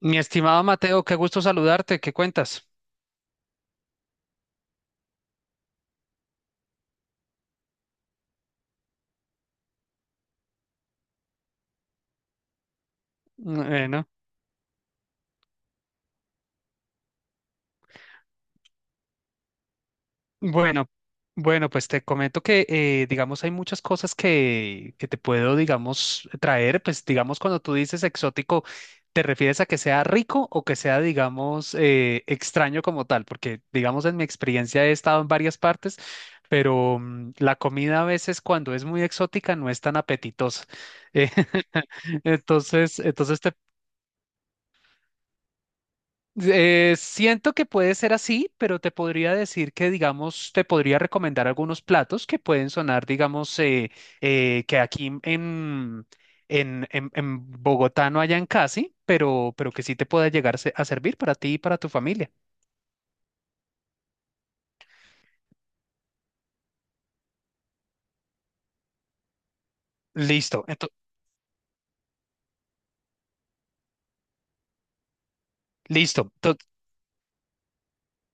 Mi estimado Mateo, qué gusto saludarte, ¿qué cuentas? Bueno, bueno, bueno, pues te comento que, digamos, hay muchas cosas que te puedo, digamos, traer, pues, digamos, cuando tú dices exótico, ¿te refieres a que sea rico o que sea, digamos, extraño como tal? Porque, digamos, en mi experiencia he estado en varias partes, pero la comida a veces cuando es muy exótica no es tan apetitosa. Eh, entonces te. Siento que puede ser así, pero te podría decir que, digamos, te podría recomendar algunos platos que pueden sonar, digamos, que aquí en Bogotá no hayan casi, pero que sí te pueda llegar a servir para ti y para tu familia. Listo, ento- listo.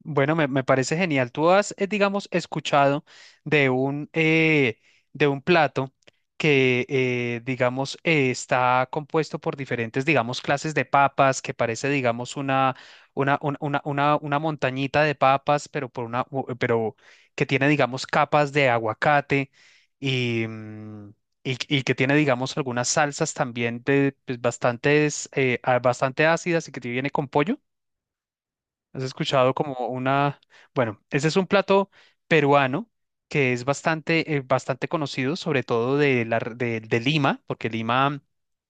Bueno, me parece genial. Tú has, digamos, escuchado de un, eh, de un plato que, digamos, está compuesto por diferentes, digamos, clases de papas, que parece, digamos, una, un- una montañita de papas, pero, pero que tiene, digamos, capas de aguacate y, y que tiene, digamos, algunas salsas también de, pues, bastantes, bastante ácidas y que te viene con pollo. ¿Has escuchado como una, bueno, ese es un plato peruano que es bastante, bastante conocido, sobre todo de, de Lima, porque Lima,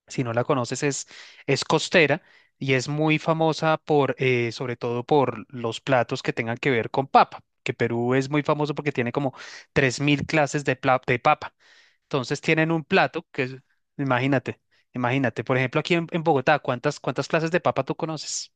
si no la conoces, es costera y es muy famosa por, sobre todo por los platos que tengan que ver con papa, que Perú es muy famoso porque tiene como 3000 clases de, de papa. Entonces tienen un plato que es, imagínate, imagínate, por ejemplo, aquí en Bogotá, ¿cuántas, cuántas clases de papa tú conoces?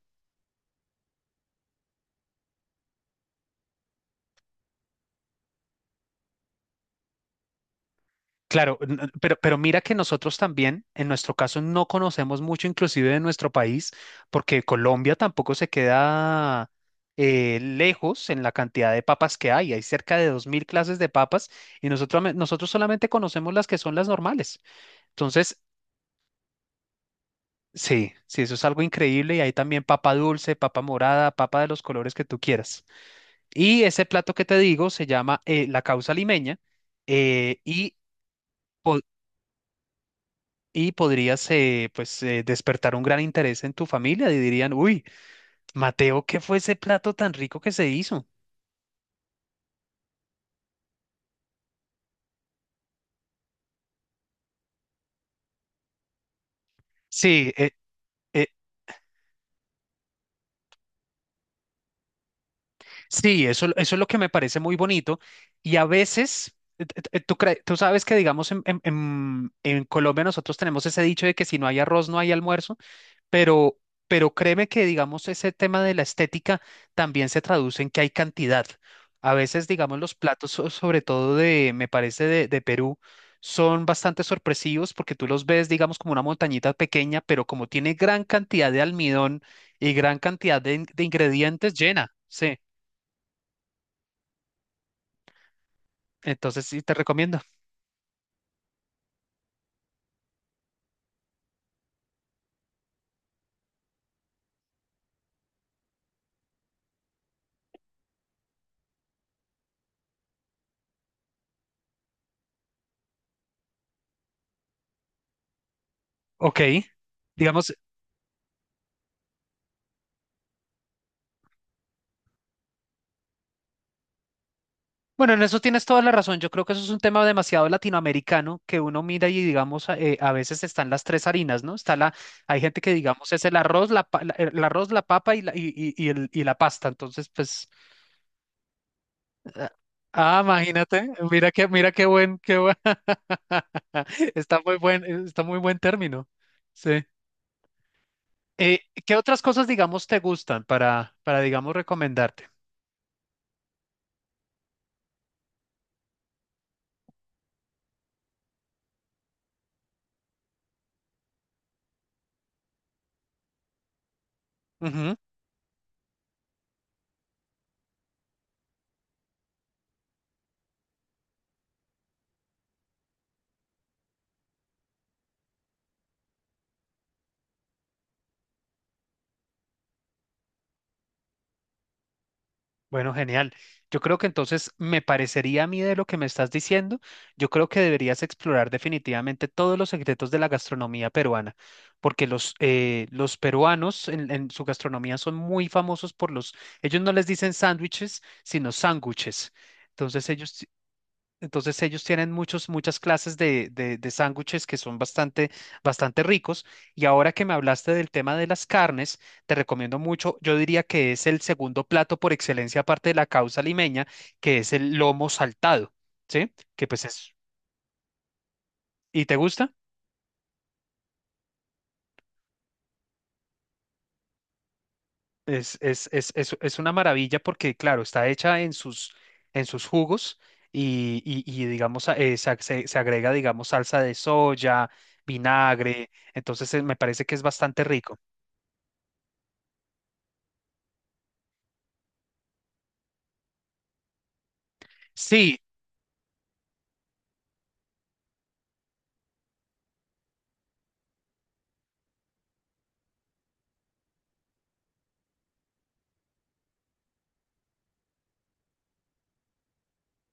Claro, pero mira que nosotros también, en nuestro caso, no conocemos mucho inclusive de nuestro país, porque Colombia tampoco se queda lejos en la cantidad de papas que hay. Hay cerca de 2000 clases de papas y nosotros, nosotros solamente conocemos las que son las normales. Entonces, sí, sí, eso es algo increíble y hay también papa dulce, papa morada, papa de los colores que tú quieras. Y ese plato que te digo se llama la causa limeña eh, y... y podrías pues despertar un gran interés en tu familia y dirían, uy, Mateo, ¿qué fue ese plato tan rico que se hizo? Sí, eh, sí, eso es lo que me parece muy bonito y a veces... Tú, tú sabes que, digamos, en Colombia nosotros tenemos ese dicho de que si no hay arroz no hay almuerzo. pero, pero créeme que, digamos, ese tema de la estética también se traduce en que hay cantidad. A veces, digamos, los platos, sobre todo de, me parece, de Perú, son bastante sorpresivos porque tú los ves, digamos, como una montañita pequeña, pero como tiene gran cantidad de almidón y gran cantidad de, de ingredientes, llena. Sí, entonces sí te recomiendo. Ok. Digamos, bueno, en eso tienes toda la razón. Yo creo que eso es un tema demasiado latinoamericano que uno mira y digamos, a veces están las tres harinas, ¿no? Está la, hay gente que digamos es el arroz, el arroz, la papa y la, y el- y la pasta. Entonces, pues, ah, ah, imagínate, mira qué buen, está muy buen término. Sí. Eh, ¿Qué otras cosas, digamos, te gustan para, digamos, recomendarte? Bueno, genial. Yo creo que entonces me parecería a mí de lo que me estás diciendo, yo creo que deberías explorar definitivamente todos los secretos de la gastronomía peruana, porque los peruanos en su gastronomía son muy famosos por los, ellos no les dicen sándwiches, sino sándwiches. Entonces ellos entonces ellos tienen muchos, muchas clases de sándwiches que son bastante, bastante ricos. Y ahora que me hablaste del tema de las carnes, te recomiendo mucho, yo diría que es el segundo plato por excelencia aparte de la causa limeña, que es el lomo saltado, ¿sí? Que pues es, ¿y te gusta? Es una maravilla porque, claro, está hecha en sus jugos y, digamos, a- se, ag- se se agrega, digamos, salsa de soya, vinagre. Entonces me parece que es bastante rico. Sí,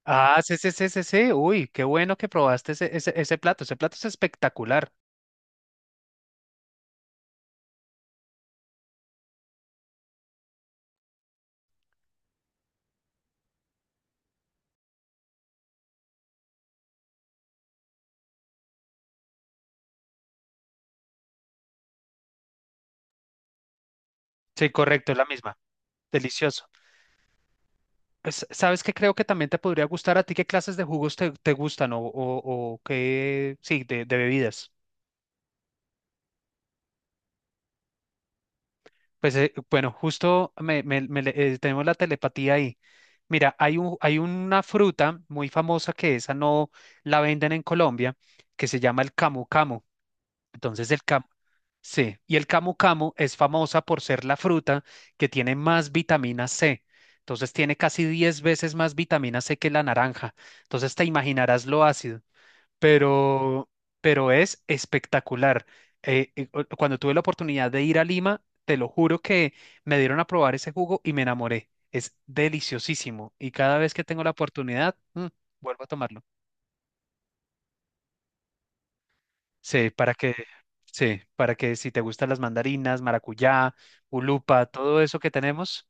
ah, sí. Uy, qué bueno que probaste ese, ese, ese plato. Ese plato es espectacular. Sí, correcto, es la misma. Delicioso. Pues, ¿sabes qué? Creo que también te podría gustar a ti. ¿Qué clases de jugos te gustan o qué? Sí, de bebidas. Pues bueno, justo tenemos la telepatía ahí. Mira, hay un, hay una fruta muy famosa que esa no la venden en Colombia, que se llama el camu camu. Entonces el sí, y el camu camu es famosa por ser la fruta que tiene más vitamina C. Entonces tiene casi 10 veces más vitamina C que la naranja. Entonces te imaginarás lo ácido, pero, pero es espectacular. Cuando tuve la oportunidad de ir a Lima, te lo juro que me dieron a probar ese jugo y me enamoré. Es deliciosísimo y cada vez que tengo la oportunidad, vuelvo a tomarlo. Sí, para que, sí, para que si te gustan las mandarinas, maracuyá, ulupa, todo eso que tenemos,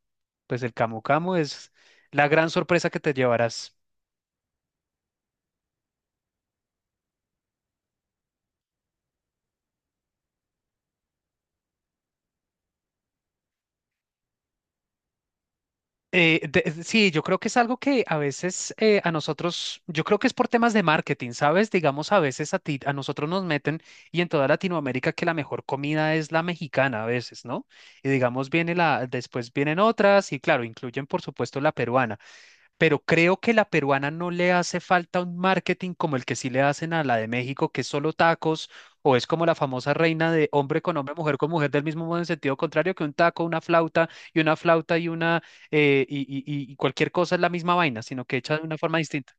pues el camu camu es la gran sorpresa que te llevarás. Sí, yo creo que es algo que a veces a nosotros, yo creo que es por temas de marketing, ¿sabes? Digamos, a veces a ti, a nosotros nos meten y en toda Latinoamérica que la mejor comida es la mexicana a veces, ¿no? Y digamos, viene la, después vienen otras y claro, incluyen por supuesto la peruana. Pero creo que la peruana no le hace falta un marketing como el que sí le hacen a la de México, que es solo tacos, o es como la famosa reina de hombre con hombre, mujer con mujer, del mismo modo en sentido contrario, que un taco, una flauta y una flauta y una y cualquier cosa es la misma vaina, sino que hecha de una forma distinta.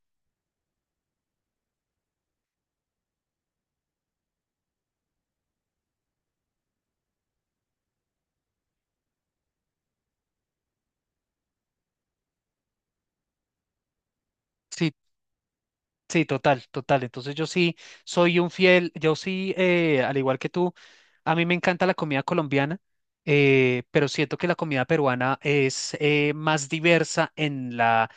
Sí, sí, total, total. Entonces yo sí soy un fiel, yo sí, al igual que tú, a mí me encanta la comida colombiana, pero siento que la comida peruana es más diversa en la,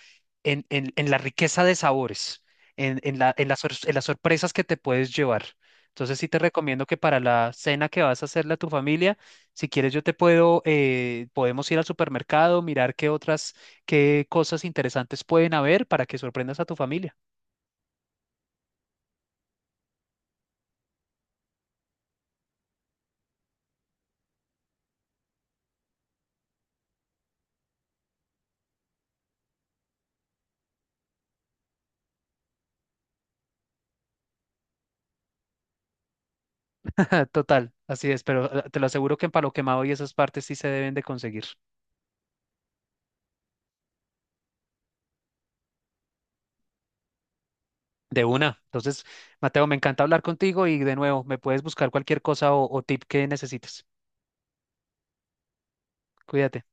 en la riqueza de sabores, en las, en las sorpresas que te puedes llevar. Entonces sí te recomiendo que para la cena que vas a hacerle a tu familia, si quieres yo te puedo, podemos ir al supermercado, mirar qué otras, qué cosas interesantes pueden haber para que sorprendas a tu familia. Total, así es, pero te lo aseguro que en Palo Quemado y esas partes sí se deben de conseguir. De una. Entonces, Mateo, me encanta hablar contigo y de nuevo, me puedes buscar cualquier cosa o tip que necesites. Cuídate.